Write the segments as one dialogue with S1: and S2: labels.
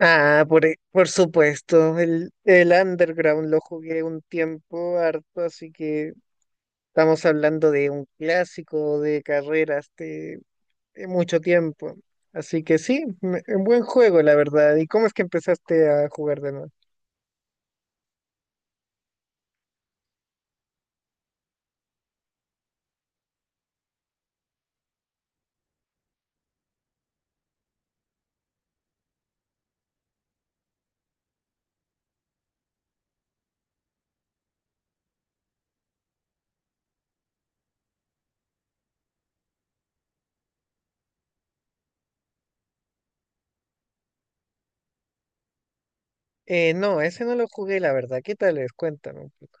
S1: Por supuesto, el Underground lo jugué un tiempo harto, así que estamos hablando de un clásico de carreras de mucho tiempo. Así que sí, un buen juego, la verdad. ¿Y cómo es que empezaste a jugar de nuevo? No, ese no lo jugué, la verdad. ¿Qué tal es? Cuéntame un poco.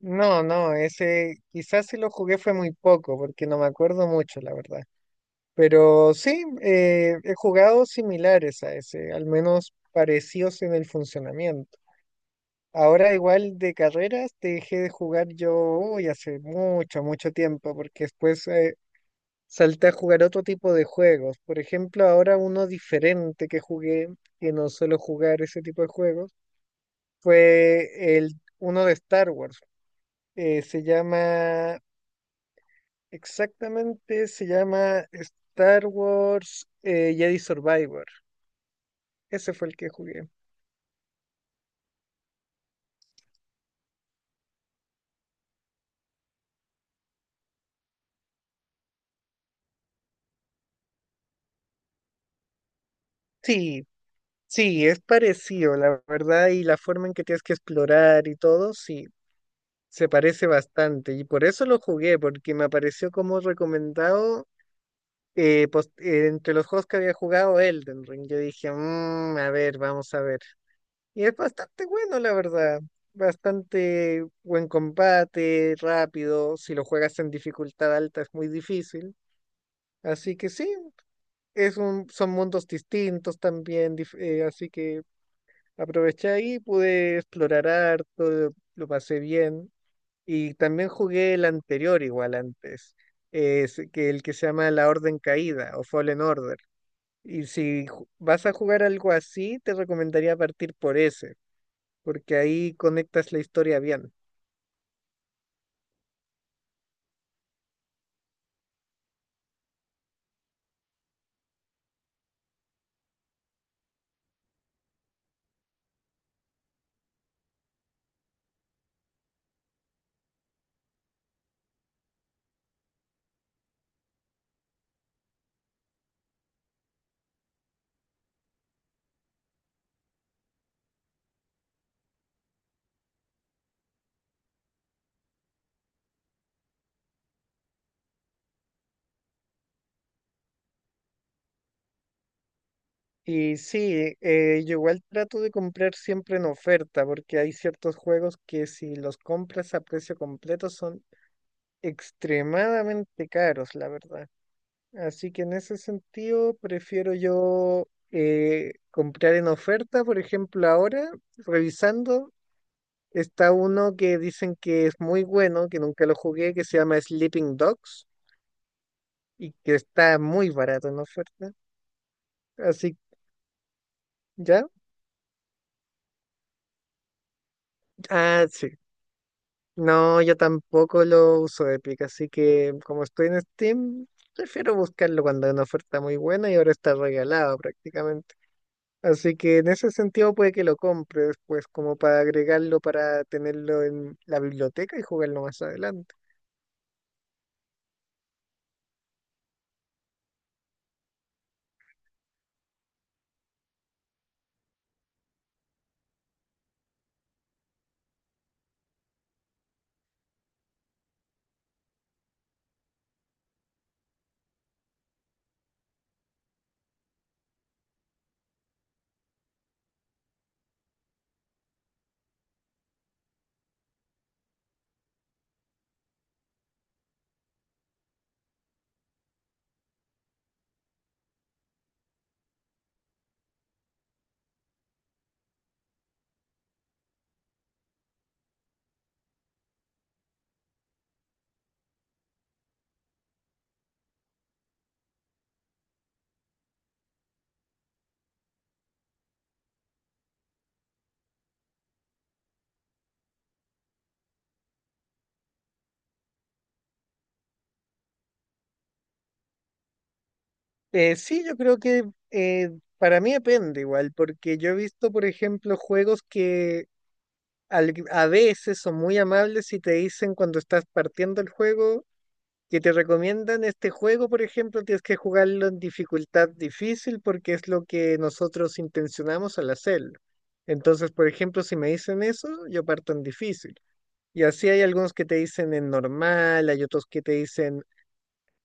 S1: No, no, ese quizás si lo jugué fue muy poco, porque no me acuerdo mucho, la verdad. Pero sí, he jugado similares a ese, al menos parecidos en el funcionamiento. Ahora igual de carreras dejé de jugar yo uy, hace mucho, mucho tiempo, porque después salté a jugar otro tipo de juegos. Por ejemplo, ahora uno diferente que jugué, que no suelo jugar ese tipo de juegos, fue el uno de Star Wars. Eh, se llama, exactamente, se llama Star Wars Jedi Survivor. Ese fue el que jugué. Sí, sí, es parecido, la verdad, y la forma en que tienes que explorar y todo, sí, se parece bastante. Y por eso lo jugué, porque me apareció como recomendado entre los juegos que había jugado Elden Ring. Yo dije, "Mm, a ver, vamos a ver". Y es bastante bueno, la verdad. Bastante buen combate, rápido. Si lo juegas en dificultad alta es muy difícil. Así que sí, son mundos distintos también, así que aproveché ahí, pude explorar harto, lo pasé bien. Y también jugué el anterior igual antes, es que el que se llama La Orden Caída o Fallen Order. Y si vas a jugar algo así, te recomendaría partir por ese, porque ahí conectas la historia bien. Y sí, yo igual trato de comprar siempre en oferta, porque hay ciertos juegos que si los compras a precio completo son extremadamente caros, la verdad. Así que en ese sentido prefiero yo comprar en oferta, por ejemplo, ahora, revisando, está uno que dicen que es muy bueno, que nunca lo jugué, que se llama Sleeping Dogs y que está muy barato en oferta. Así, ¿ya? Ah, sí. No, yo tampoco lo uso Epic, así que como estoy en Steam, prefiero buscarlo cuando hay una oferta muy buena y ahora está regalado prácticamente. Así que en ese sentido puede que lo compres, pues como para agregarlo, para tenerlo en la biblioteca y jugarlo más adelante. Sí, yo creo que eh, para mí depende igual, porque yo he visto, por ejemplo, juegos que a veces son muy amables y te dicen cuando estás partiendo el juego que te recomiendan este juego, por ejemplo, tienes que jugarlo en dificultad difícil porque es lo que nosotros intencionamos al hacerlo. Entonces, por ejemplo, si me dicen eso, yo parto en difícil. Y así hay algunos que te dicen en normal, hay otros que te dicen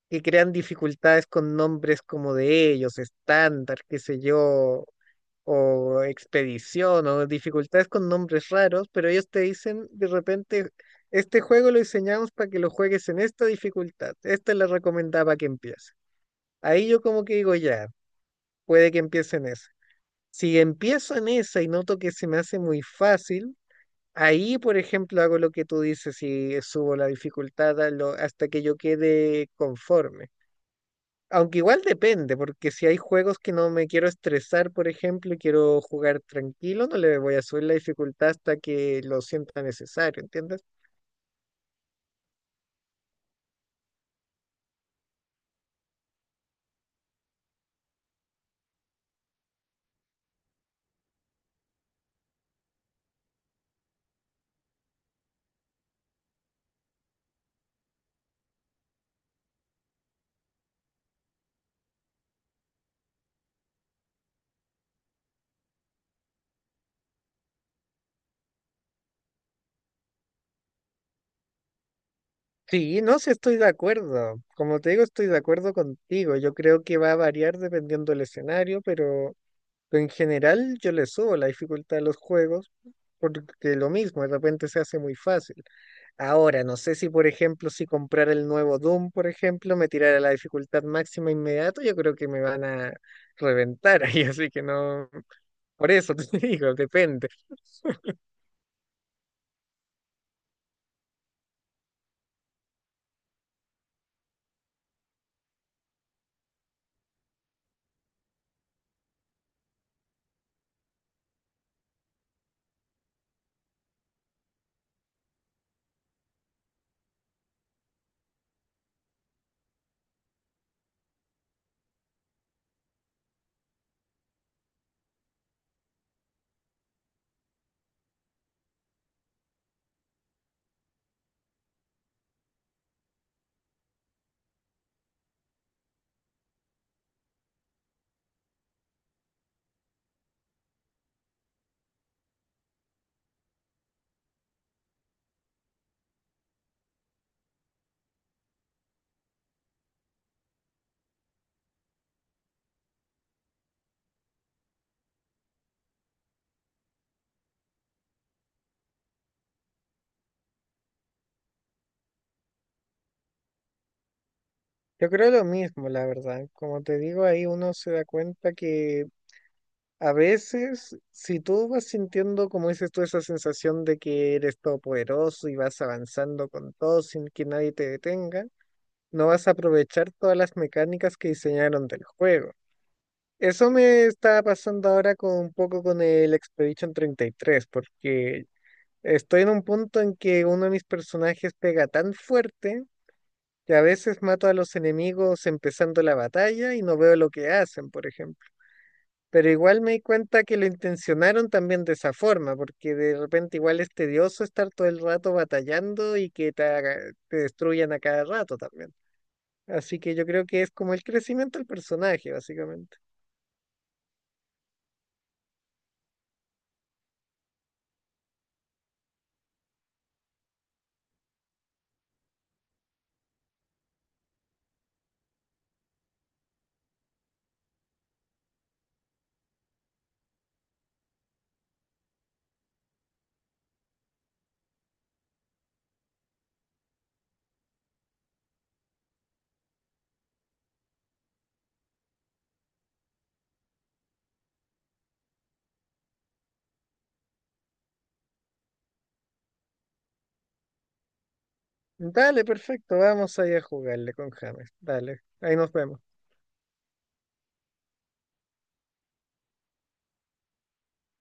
S1: que crean dificultades con nombres como de ellos, estándar, qué sé yo, o expedición, o dificultades con nombres raros, pero ellos te dicen de repente, este juego lo diseñamos para que lo juegues en esta dificultad, esta es la recomendada para que empiece. Ahí yo como que digo, ya, puede que empiece en esa. Si empiezo en esa y noto que se me hace muy fácil, ahí, por ejemplo, hago lo que tú dices y subo la dificultad hasta que yo quede conforme. Aunque igual depende, porque si hay juegos que no me quiero estresar, por ejemplo, y quiero jugar tranquilo, no le voy a subir la dificultad hasta que lo sienta necesario, ¿entiendes? Sí, no sé, estoy de acuerdo. Como te digo, estoy de acuerdo contigo. Yo creo que va a variar dependiendo del escenario, pero en general yo le subo la dificultad a los juegos porque lo mismo, de repente se hace muy fácil. Ahora, no sé si, por ejemplo, si comprar el nuevo Doom, por ejemplo, me tirara a la dificultad máxima inmediato, yo creo que me van a reventar ahí, así que no, por eso te digo, depende. Yo creo lo mismo, la verdad. Como te digo, ahí uno se da cuenta que a veces, si tú vas sintiendo, como dices tú, esa sensación de que eres todopoderoso y vas avanzando con todo sin que nadie te detenga, no vas a aprovechar todas las mecánicas que diseñaron del juego. Eso me está pasando ahora con un poco con el Expedition 33, porque estoy en un punto en que uno de mis personajes pega tan fuerte que a veces mato a los enemigos empezando la batalla y no veo lo que hacen, por ejemplo. Pero igual me di cuenta que lo intencionaron también de esa forma, porque de repente igual es tedioso estar todo el rato batallando y que te destruyan a cada rato también. Así que yo creo que es como el crecimiento del personaje, básicamente. Dale, perfecto, vamos ahí a jugarle con James. Dale, ahí nos vemos.